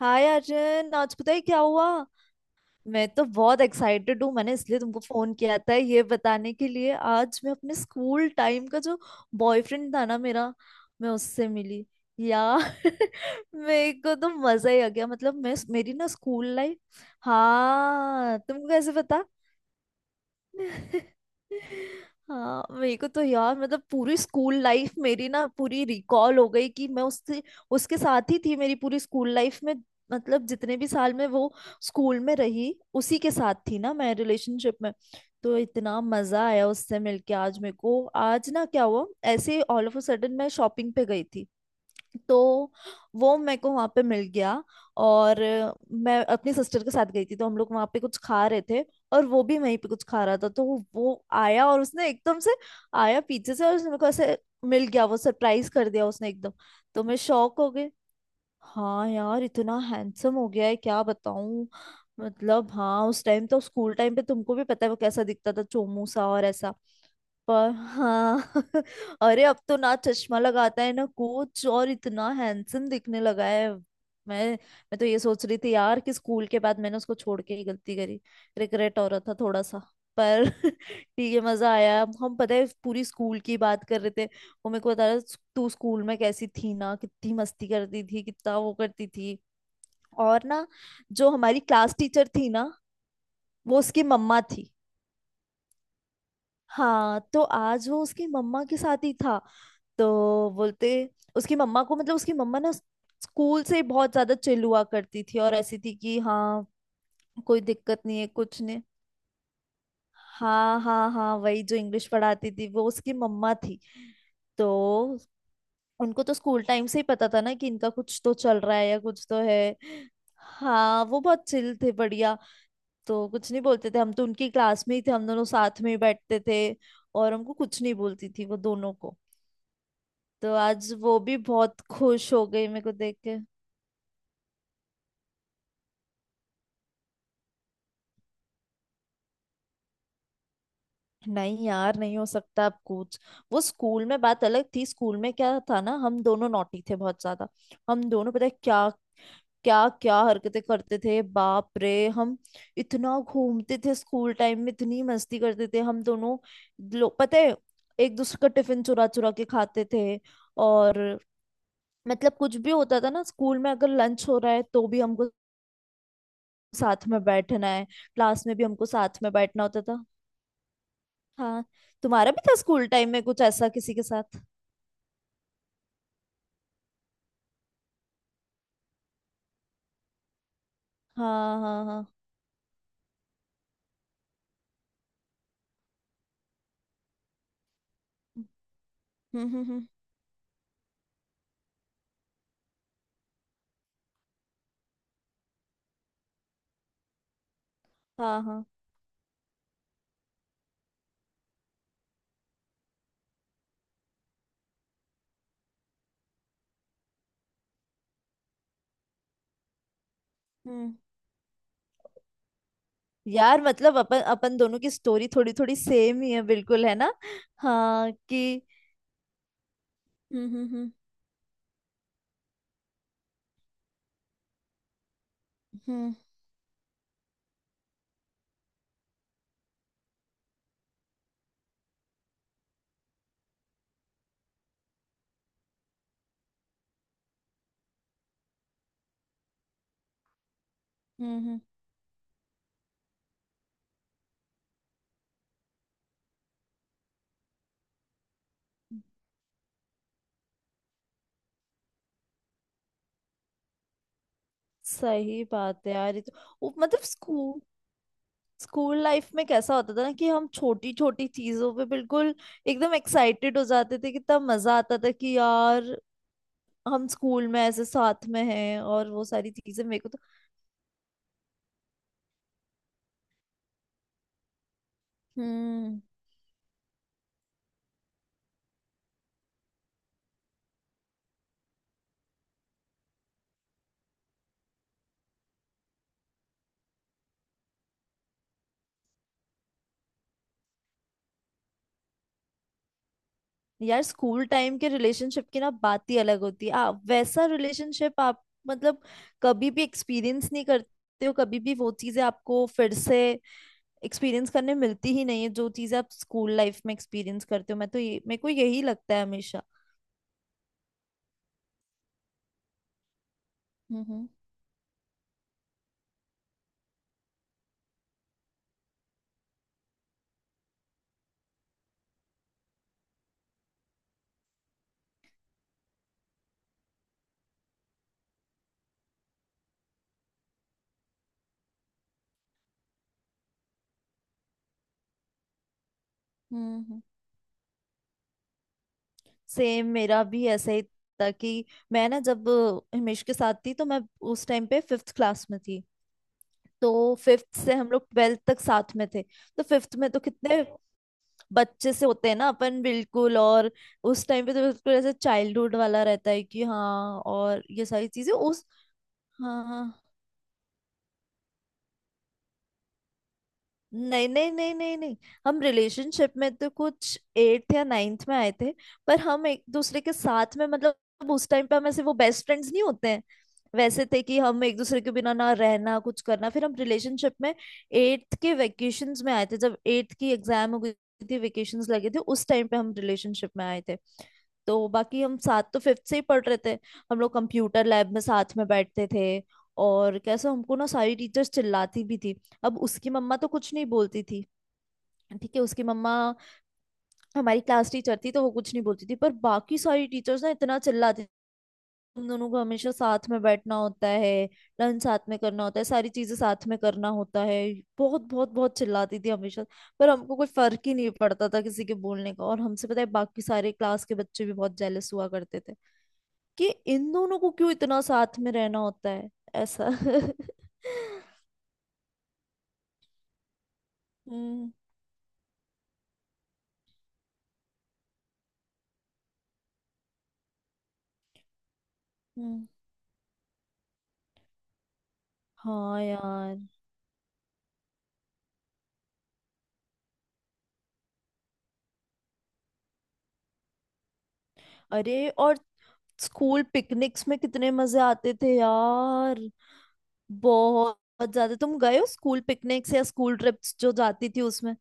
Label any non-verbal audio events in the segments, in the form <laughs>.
हाय अर्जुन। आज पता है क्या हुआ? मैं तो बहुत एक्साइटेड हूँ। मैंने इसलिए तुमको फोन किया था ये बताने के लिए। आज मैं अपने स्कूल टाइम का जो बॉयफ्रेंड था ना मेरा, मैं उससे मिली यार। <laughs> मेरे को तो मजा ही आ गया। मतलब मैं, मेरी ना स्कूल लाइफ। हाँ, तुमको कैसे पता? <laughs> हाँ, मेरे को तो यार मतलब पूरी स्कूल लाइफ मेरी ना पूरी रिकॉल हो गई कि मैं उससे, उसके साथ ही थी मेरी पूरी स्कूल लाइफ में। मतलब जितने भी साल में वो स्कूल में रही, उसी के साथ थी ना मैं रिलेशनशिप में। तो इतना मजा आया उससे मिलके आज मेरे को। आज ना क्या हुआ, ऐसे ऑल ऑफ अ सडन मैं शॉपिंग पे गई थी, तो वो मेरे को वहां पे मिल गया। और मैं अपनी सिस्टर के साथ गई थी तो हम लोग वहां पे कुछ खा रहे थे, और वो भी वहीं पे कुछ खा रहा था। तो वो आया और उसने एकदम से, आया पीछे से और उसने मेरे को ऐसे मिल गया, वो सरप्राइज कर दिया उसने एकदम। तो मैं शॉक हो गई। हाँ यार, इतना हैंडसम हो गया है, क्या बताऊं। मतलब हाँ, उस टाइम तो, स्कूल टाइम पे तुमको भी पता है वो कैसा दिखता था, चोमू सा और ऐसा। पर हाँ <laughs> अरे अब तो ना चश्मा लगाता है ना कुछ, और इतना हैंडसम दिखने लगा है। मैं मैं तो ये सोच रही थी यार कि स्कूल के बाद मैंने उसको छोड़ के ही गलती करी। रिग्रेट हो रहा था थोड़ा सा। पर <laughs> ठीक है, मजा आया। हम पता है पूरी स्कूल की बात कर रहे थे। वो मेरे को बता रहा था, तू स्कूल में कैसी थी ना, कितनी मस्ती करती थी, कितना वो करती थी। और ना, जो हमारी क्लास टीचर थी ना, वो उसकी मम्मा थी। हाँ, तो आज वो उसकी मम्मा के साथ ही था। तो बोलते, उसकी मम्मा को, मतलब उसकी मम्मा ना स्कूल से बहुत ज्यादा चिल हुआ करती थी, और ऐसी थी कि हाँ कोई दिक्कत नहीं है कुछ नहीं। हाँ हाँ हाँ, वही जो इंग्लिश पढ़ाती थी वो उसकी मम्मा थी। तो उनको तो स्कूल टाइम से ही पता था ना कि इनका कुछ तो चल रहा है या कुछ तो है। हाँ, वो बहुत चिल थे, बढ़िया। तो कुछ नहीं बोलते थे। हम तो उनकी क्लास में ही थे, हम दोनों साथ में ही बैठते थे और हमको कुछ नहीं बोलती थी वो, दोनों को। तो आज वो भी बहुत खुश हो गई मेरे को देख के। नहीं यार, नहीं हो सकता अब कुछ। वो स्कूल में बात अलग थी। स्कूल में क्या था ना, हम दोनों नॉटी थे बहुत ज्यादा। हम दोनों पता है क्या क्या क्या हरकतें करते थे, बाप रे। हम इतना घूमते थे स्कूल टाइम में, इतनी मस्ती करते थे हम दोनों। लो, पता है, एक दूसरे का टिफिन चुरा चुरा के खाते थे। और मतलब कुछ भी होता था ना स्कूल में, अगर लंच हो रहा है तो भी हमको साथ में बैठना है, क्लास में भी हमको साथ में बैठना होता था। हाँ, तुम्हारा भी था स्कूल टाइम में कुछ ऐसा किसी के साथ? हाँ हाँ हाँ। हम्म। हाँ हाँ। हम्म, यार मतलब अपन अपन दोनों की स्टोरी थोड़ी थोड़ी सेम ही है, बिल्कुल है ना। हाँ कि हम्म हम्म हम्म हम्म हम्म, हम्म। सही बात है यार ये तो। वो मतलब स्कूल, स्कूल लाइफ में कैसा होता था ना कि हम छोटी छोटी चीजों पे बिल्कुल एकदम एक्साइटेड हो जाते थे। कितना मजा आता था कि यार हम स्कूल में ऐसे साथ में हैं, और वो सारी चीजें मेरे को तो। हम्म, यार स्कूल टाइम के रिलेशनशिप की ना बात ही अलग होती है। वैसा रिलेशनशिप आप मतलब कभी भी एक्सपीरियंस नहीं करते हो। कभी भी वो चीजें आपको फिर से एक्सपीरियंस करने मिलती ही नहीं है, जो चीजें आप स्कूल लाइफ में एक्सपीरियंस करते हो। मैं तो ये, मेरे को यही लगता है हमेशा। हम्म हम्म हम्म। सेम मेरा भी ऐसा ही था कि मैं ना जब हिमेश के साथ थी, तो मैं उस टाइम पे फिफ्थ क्लास में थी। तो फिफ्थ से हम लोग ट्वेल्थ तक साथ में थे। तो फिफ्थ में तो कितने बच्चे से होते हैं ना अपन बिल्कुल, और उस टाइम पे तो बिल्कुल ऐसे चाइल्डहुड वाला रहता है कि हाँ, और ये सारी चीजें उस। हाँ हाँ। नहीं नहीं नहीं नहीं नहीं। हम रिलेशनशिप में तो कुछ एट्थ या नाइन्थ में आए थे। पर हम एक दूसरे के साथ में, मतलब उस टाइम पे हम ऐसे, वो बेस्ट फ्रेंड्स नहीं होते हैं, वैसे थे कि हम एक दूसरे के बिना ना रहना कुछ करना। फिर हम रिलेशनशिप में एट्थ के वेकेशंस में आए थे, जब एट्थ की एग्जाम हो गई थी, वेकेशंस लगे थे उस टाइम पे हम रिलेशनशिप में आए थे। तो बाकी हम साथ तो फिफ्थ से ही पढ़ रहे थे। हम लोग कंप्यूटर लैब में साथ में बैठते थे, और कैसे हमको ना सारी टीचर्स चिल्लाती भी थी। अब उसकी मम्मा तो कुछ नहीं बोलती थी, ठीक है, उसकी मम्मा हमारी क्लास टीचर थी तो वो कुछ नहीं बोलती थी। पर बाकी सारी टीचर्स ना इतना चिल्लाती थी, तुम दोनों को हमेशा साथ में बैठना होता है, लंच साथ में करना होता है, सारी चीजें साथ में करना होता है। बहुत बहुत बहुत चिल्लाती थी हमेशा। पर हमको कोई फर्क ही नहीं पड़ता था किसी के बोलने का। और हमसे पता है बाकी सारे क्लास के बच्चे भी बहुत जेलस हुआ करते थे, कि इन दोनों को क्यों इतना साथ में रहना होता है, ऐसा। <laughs> हम्म हम्म। हाँ यार। अरे, और स्कूल पिकनिक्स में कितने मजे आते थे यार। बहुत ज्यादा तुम गए हो स्कूल पिकनिक्स या स्कूल ट्रिप्स जो जाती थी, उसमें?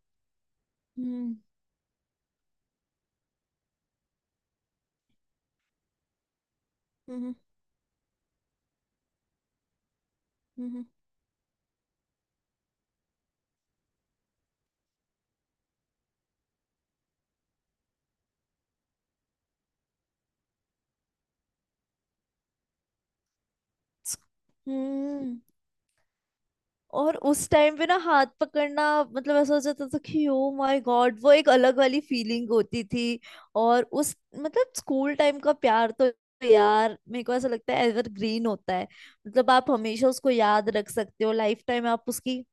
हम्म हम्म हम्म हम्म। और उस टाइम पे ना हाथ पकड़ना, मतलब ऐसा हो जाता था कि ओ माय गॉड, वो एक अलग वाली फीलिंग होती थी। और उस मतलब स्कूल टाइम का प्यार तो यार, मेरे को ऐसा लगता है एवर ग्रीन होता है। मतलब आप हमेशा उसको याद रख सकते हो, लाइफ टाइम आप उसकी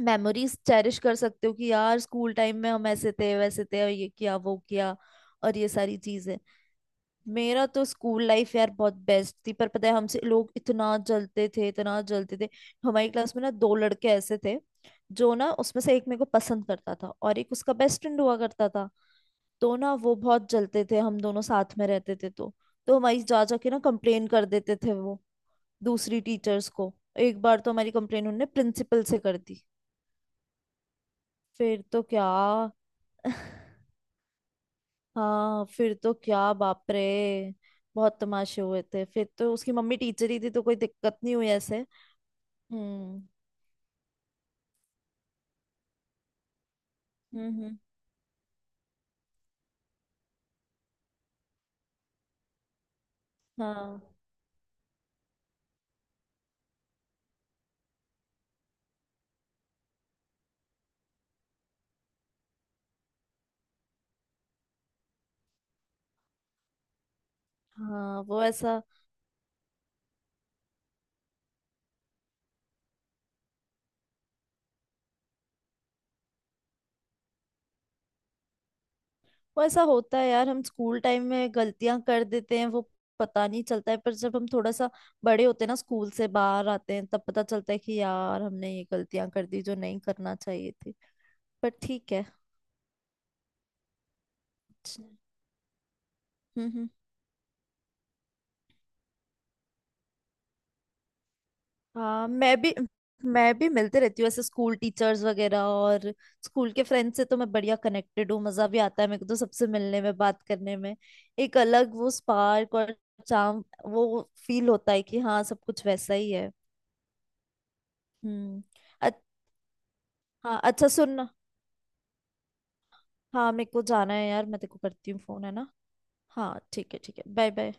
मेमोरीज चेरिश कर सकते हो कि यार स्कूल टाइम में हम ऐसे थे वैसे थे, और ये किया वो किया, और ये सारी चीजें। मेरा तो स्कूल लाइफ यार बहुत बेस्ट थी। पर पता है हमसे लोग इतना जलते थे, इतना जलते थे। हमारी क्लास में ना दो लड़के ऐसे थे, जो ना, उसमें से एक मेरे को पसंद करता था और एक उसका बेस्ट फ्रेंड हुआ करता था। तो ना वो बहुत जलते थे, हम दोनों साथ में रहते थे तो हमारी जा जा के ना कंप्लेन कर देते थे वो दूसरी टीचर्स को। एक बार तो हमारी कंप्लेन उन्होंने प्रिंसिपल से कर दी। फिर तो क्या, हाँ फिर तो क्या, बाप रे। बहुत तमाशे हुए थे। फिर तो उसकी मम्मी टीचर ही थी तो कोई दिक्कत नहीं हुई ऐसे। हम्म हम्म हम्म, हाँ हाँ। वो ऐसा, वो ऐसा होता है यार, हम स्कूल टाइम में गलतियां कर देते हैं, वो पता नहीं चलता है। पर जब हम थोड़ा सा बड़े होते हैं ना, स्कूल से बाहर आते हैं, तब पता चलता है कि यार हमने ये गलतियां कर दी जो नहीं करना चाहिए थी। पर ठीक है। अच्छा, हम्म। हाँ मैं भी, मैं भी मिलते रहती हूँ ऐसे स्कूल टीचर्स वगैरह, और स्कूल के फ्रेंड्स से तो मैं बढ़िया कनेक्टेड हूँ। मजा भी आता है मेरे को तो सबसे मिलने में, बात करने में। एक अलग वो स्पार्क और चार्म वो फील होता है कि हाँ, सब कुछ वैसा ही है। हम्म। अच, हाँ अच्छा सुन, हाँ मेरे को जाना है यार, मैं तेरे को करती हूँ फोन है ना। हाँ ठीक है ठीक है, बाय बाय।